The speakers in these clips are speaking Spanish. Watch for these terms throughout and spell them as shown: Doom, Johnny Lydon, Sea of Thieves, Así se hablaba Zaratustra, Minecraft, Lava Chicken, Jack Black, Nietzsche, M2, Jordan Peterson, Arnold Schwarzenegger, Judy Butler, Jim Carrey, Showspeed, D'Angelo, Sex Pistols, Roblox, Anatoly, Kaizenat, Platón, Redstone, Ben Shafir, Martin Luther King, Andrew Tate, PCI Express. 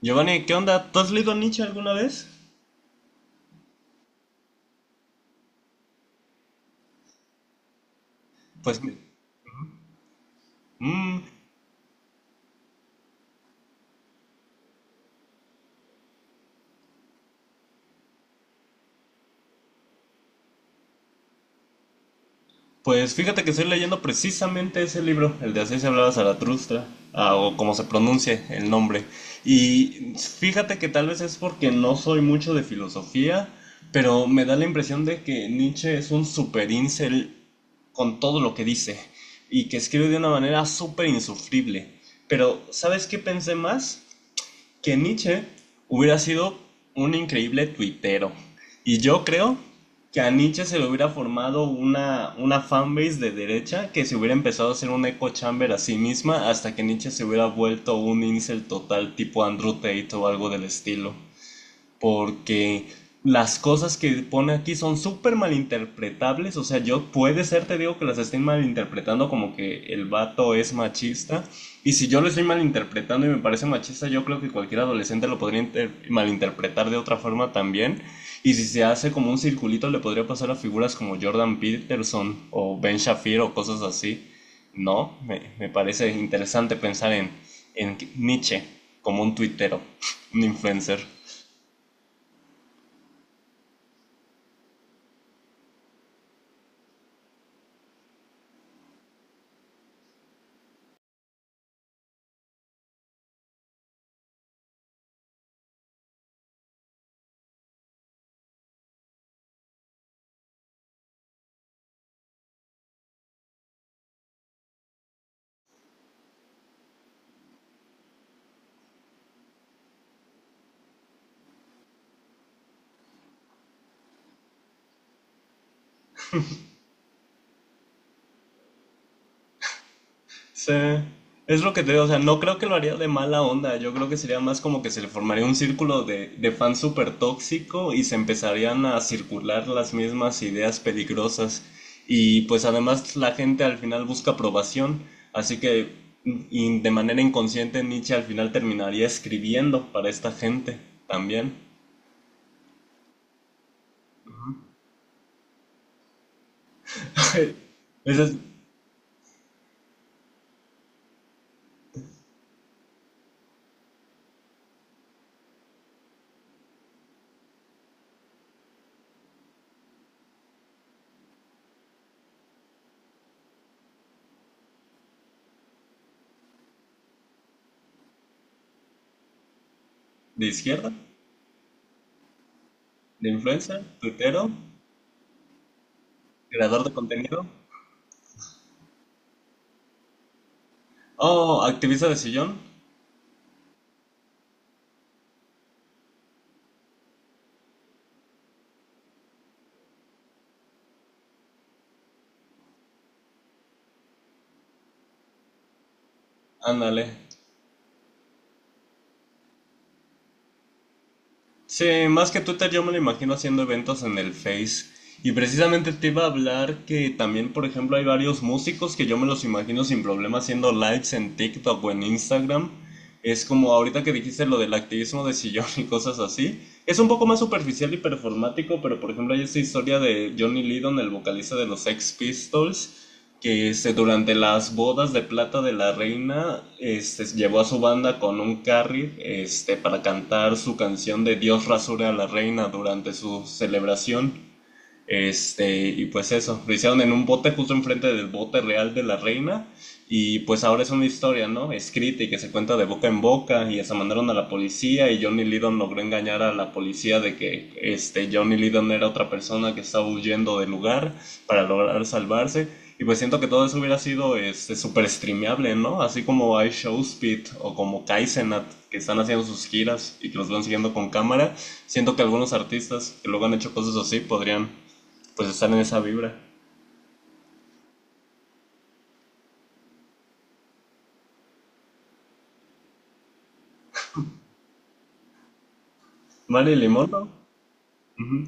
Giovanni, ¿qué onda? ¿Tú has leído Nietzsche alguna vez? Pues, mm, pues fíjate que estoy leyendo precisamente ese libro, el de Así se hablaba Zaratustra, o como se pronuncie el nombre. Y fíjate que tal vez es porque no soy mucho de filosofía, pero me da la impresión de que Nietzsche es un super incel con todo lo que dice y que escribe de una manera súper insufrible. Pero, ¿sabes qué pensé más? Que Nietzsche hubiera sido un increíble tuitero. Y yo creo que a Nietzsche se le hubiera formado una fanbase de derecha que se hubiera empezado a hacer un echo chamber a sí misma hasta que Nietzsche se hubiera vuelto un incel total tipo Andrew Tate o algo del estilo, porque las cosas que pone aquí son súper malinterpretables. O sea, yo puede ser, te digo, que las estén malinterpretando como que el vato es machista, y si yo lo estoy malinterpretando y me parece machista, yo creo que cualquier adolescente lo podría malinterpretar de otra forma también, y si se hace como un circulito le podría pasar a figuras como Jordan Peterson o Ben Shafir o cosas así, ¿no? Me parece interesante pensar en Nietzsche como un tuitero, un influencer. Sí, es lo que te digo, o sea, no creo que lo haría de mala onda. Yo creo que sería más como que se le formaría un círculo de fans súper tóxico y se empezarían a circular las mismas ideas peligrosas, y pues además la gente al final busca aprobación, así que y de manera inconsciente Nietzsche al final terminaría escribiendo para esta gente también. ¿Ese es de izquierda? ¿De influencer? ¿Tuitero? ¿Creador de contenido? Oh, activista de sillón. Ándale. Sí, más que Twitter yo me lo imagino haciendo eventos en el Face. Y precisamente te iba a hablar que también, por ejemplo, hay varios músicos que yo me los imagino sin problema haciendo lives en TikTok o en Instagram. Es como ahorita que dijiste lo del activismo de sillón y cosas así. Es un poco más superficial y performático, pero por ejemplo hay esta historia de Johnny Lydon, el vocalista de los Sex Pistols, que este, durante las bodas de plata de la reina este, llevó a su banda con un carry este, para cantar su canción de Dios rasure a la reina durante su celebración. Este, y pues eso, lo hicieron en un bote justo enfrente del bote real de la reina. Y pues ahora es una historia, ¿no? Escrita y que se cuenta de boca en boca. Y hasta mandaron a la policía. Y Johnny Lydon logró engañar a la policía de que este, Johnny Lydon era otra persona que estaba huyendo del lugar para lograr salvarse. Y pues siento que todo eso hubiera sido este, súper streameable, ¿no? Así como hay Showspeed o como Kaizenat que están haciendo sus giras y que los van siguiendo con cámara. Siento que algunos artistas que luego han hecho cosas así podrían pues estar en esa vibra. Vale, limón. ¿No? Ujú.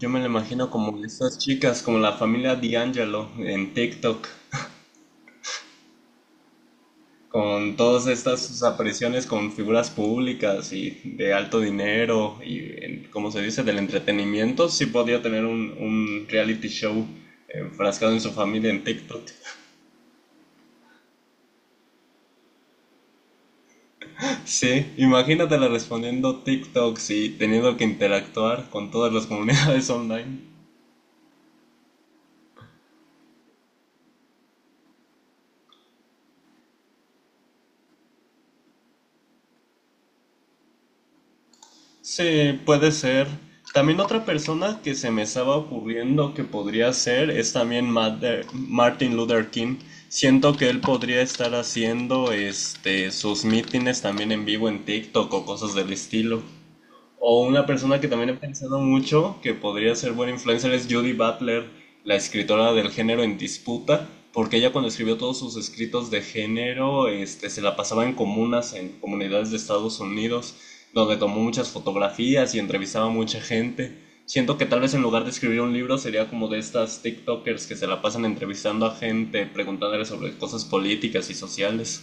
Yo me lo imagino como estas chicas, como la familia D'Angelo en TikTok, con todas estas sus apariciones con figuras públicas y de alto dinero y, como se dice, del entretenimiento. Sí podía tener un reality show enfrascado en su familia en TikTok. Sí, imagínatela respondiendo TikToks y teniendo que interactuar con todas las comunidades online. Sí, puede ser. También otra persona que se me estaba ocurriendo que podría ser es también Martin Luther King. Siento que él podría estar haciendo este sus mítines también en vivo en TikTok o cosas del estilo. O una persona que también he pensado mucho que podría ser buena influencer es Judy Butler, la escritora del género en disputa, porque ella cuando escribió todos sus escritos de género, este, se la pasaba en comunas, en comunidades de Estados Unidos, donde tomó muchas fotografías y entrevistaba a mucha gente. Siento que tal vez en lugar de escribir un libro sería como de estas TikTokers que se la pasan entrevistando a gente, preguntándole sobre cosas políticas y sociales.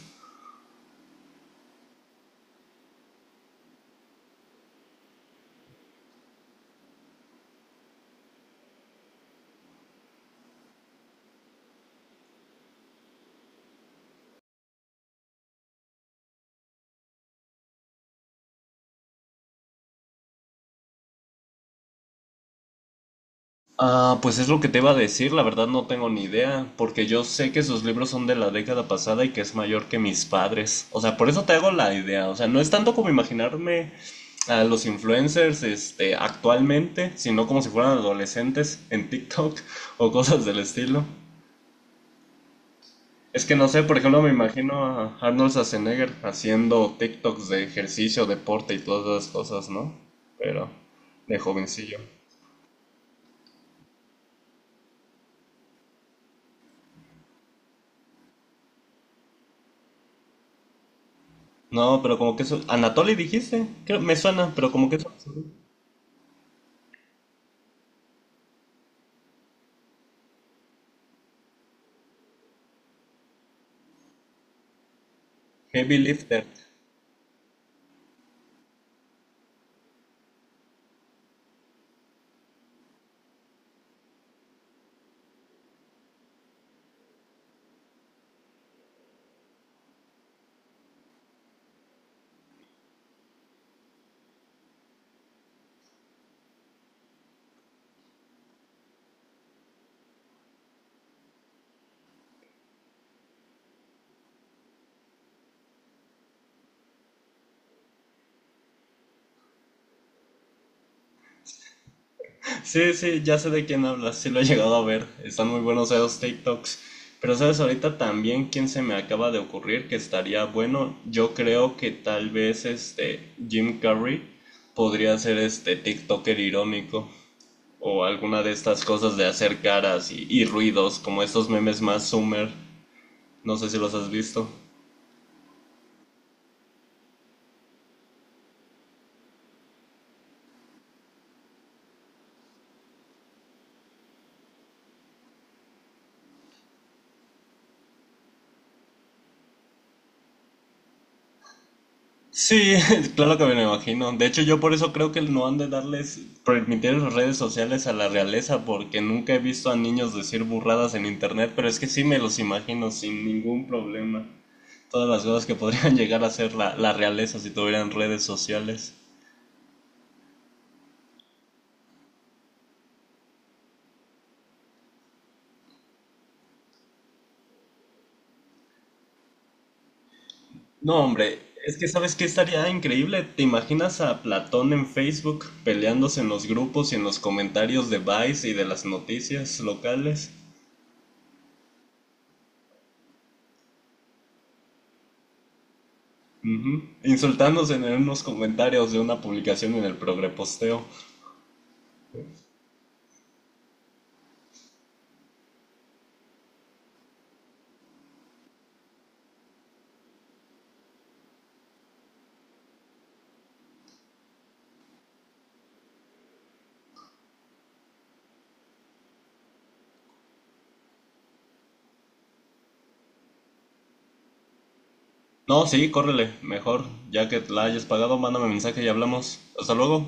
Ah, pues es lo que te iba a decir, la verdad no tengo ni idea, porque yo sé que sus libros son de la década pasada y que es mayor que mis padres. O sea, por eso te hago la idea. O sea, no es tanto como imaginarme a los influencers, este, actualmente, sino como si fueran adolescentes en TikTok o cosas del estilo. Es que no sé, por ejemplo, me imagino a Arnold Schwarzenegger haciendo TikToks de ejercicio, deporte y todas esas cosas, ¿no? Pero de jovencillo. No, pero como que eso. Anatoly dijiste. Creo, me suena, pero como que eso. Heavy Lifter. Sí, sí, ya sé de quién hablas. Sí, lo he llegado a ver. Están muy buenos esos TikToks. Pero sabes, ahorita también quién se me acaba de ocurrir que estaría bueno. Yo creo que tal vez este Jim Carrey podría ser este TikToker irónico. O alguna de estas cosas de hacer caras y ruidos, como estos memes más Summer. No sé si los has visto. Sí, claro que me lo imagino. De hecho, yo por eso creo que no han de darles, permitir las redes sociales a la realeza, porque nunca he visto a niños decir burradas en internet, pero es que sí me los imagino sin ningún problema. Todas las cosas que podrían llegar a ser la realeza si tuvieran redes sociales. No, hombre, es que sabes qué estaría increíble. ¿Te imaginas a Platón en Facebook peleándose en los grupos y en los comentarios de Vice y de las noticias locales? Ujú. Insultándose en unos comentarios de una publicación en el progreposteo. No, sí, córrele, mejor. Ya que la hayas pagado, mándame mensaje y hablamos. Hasta luego.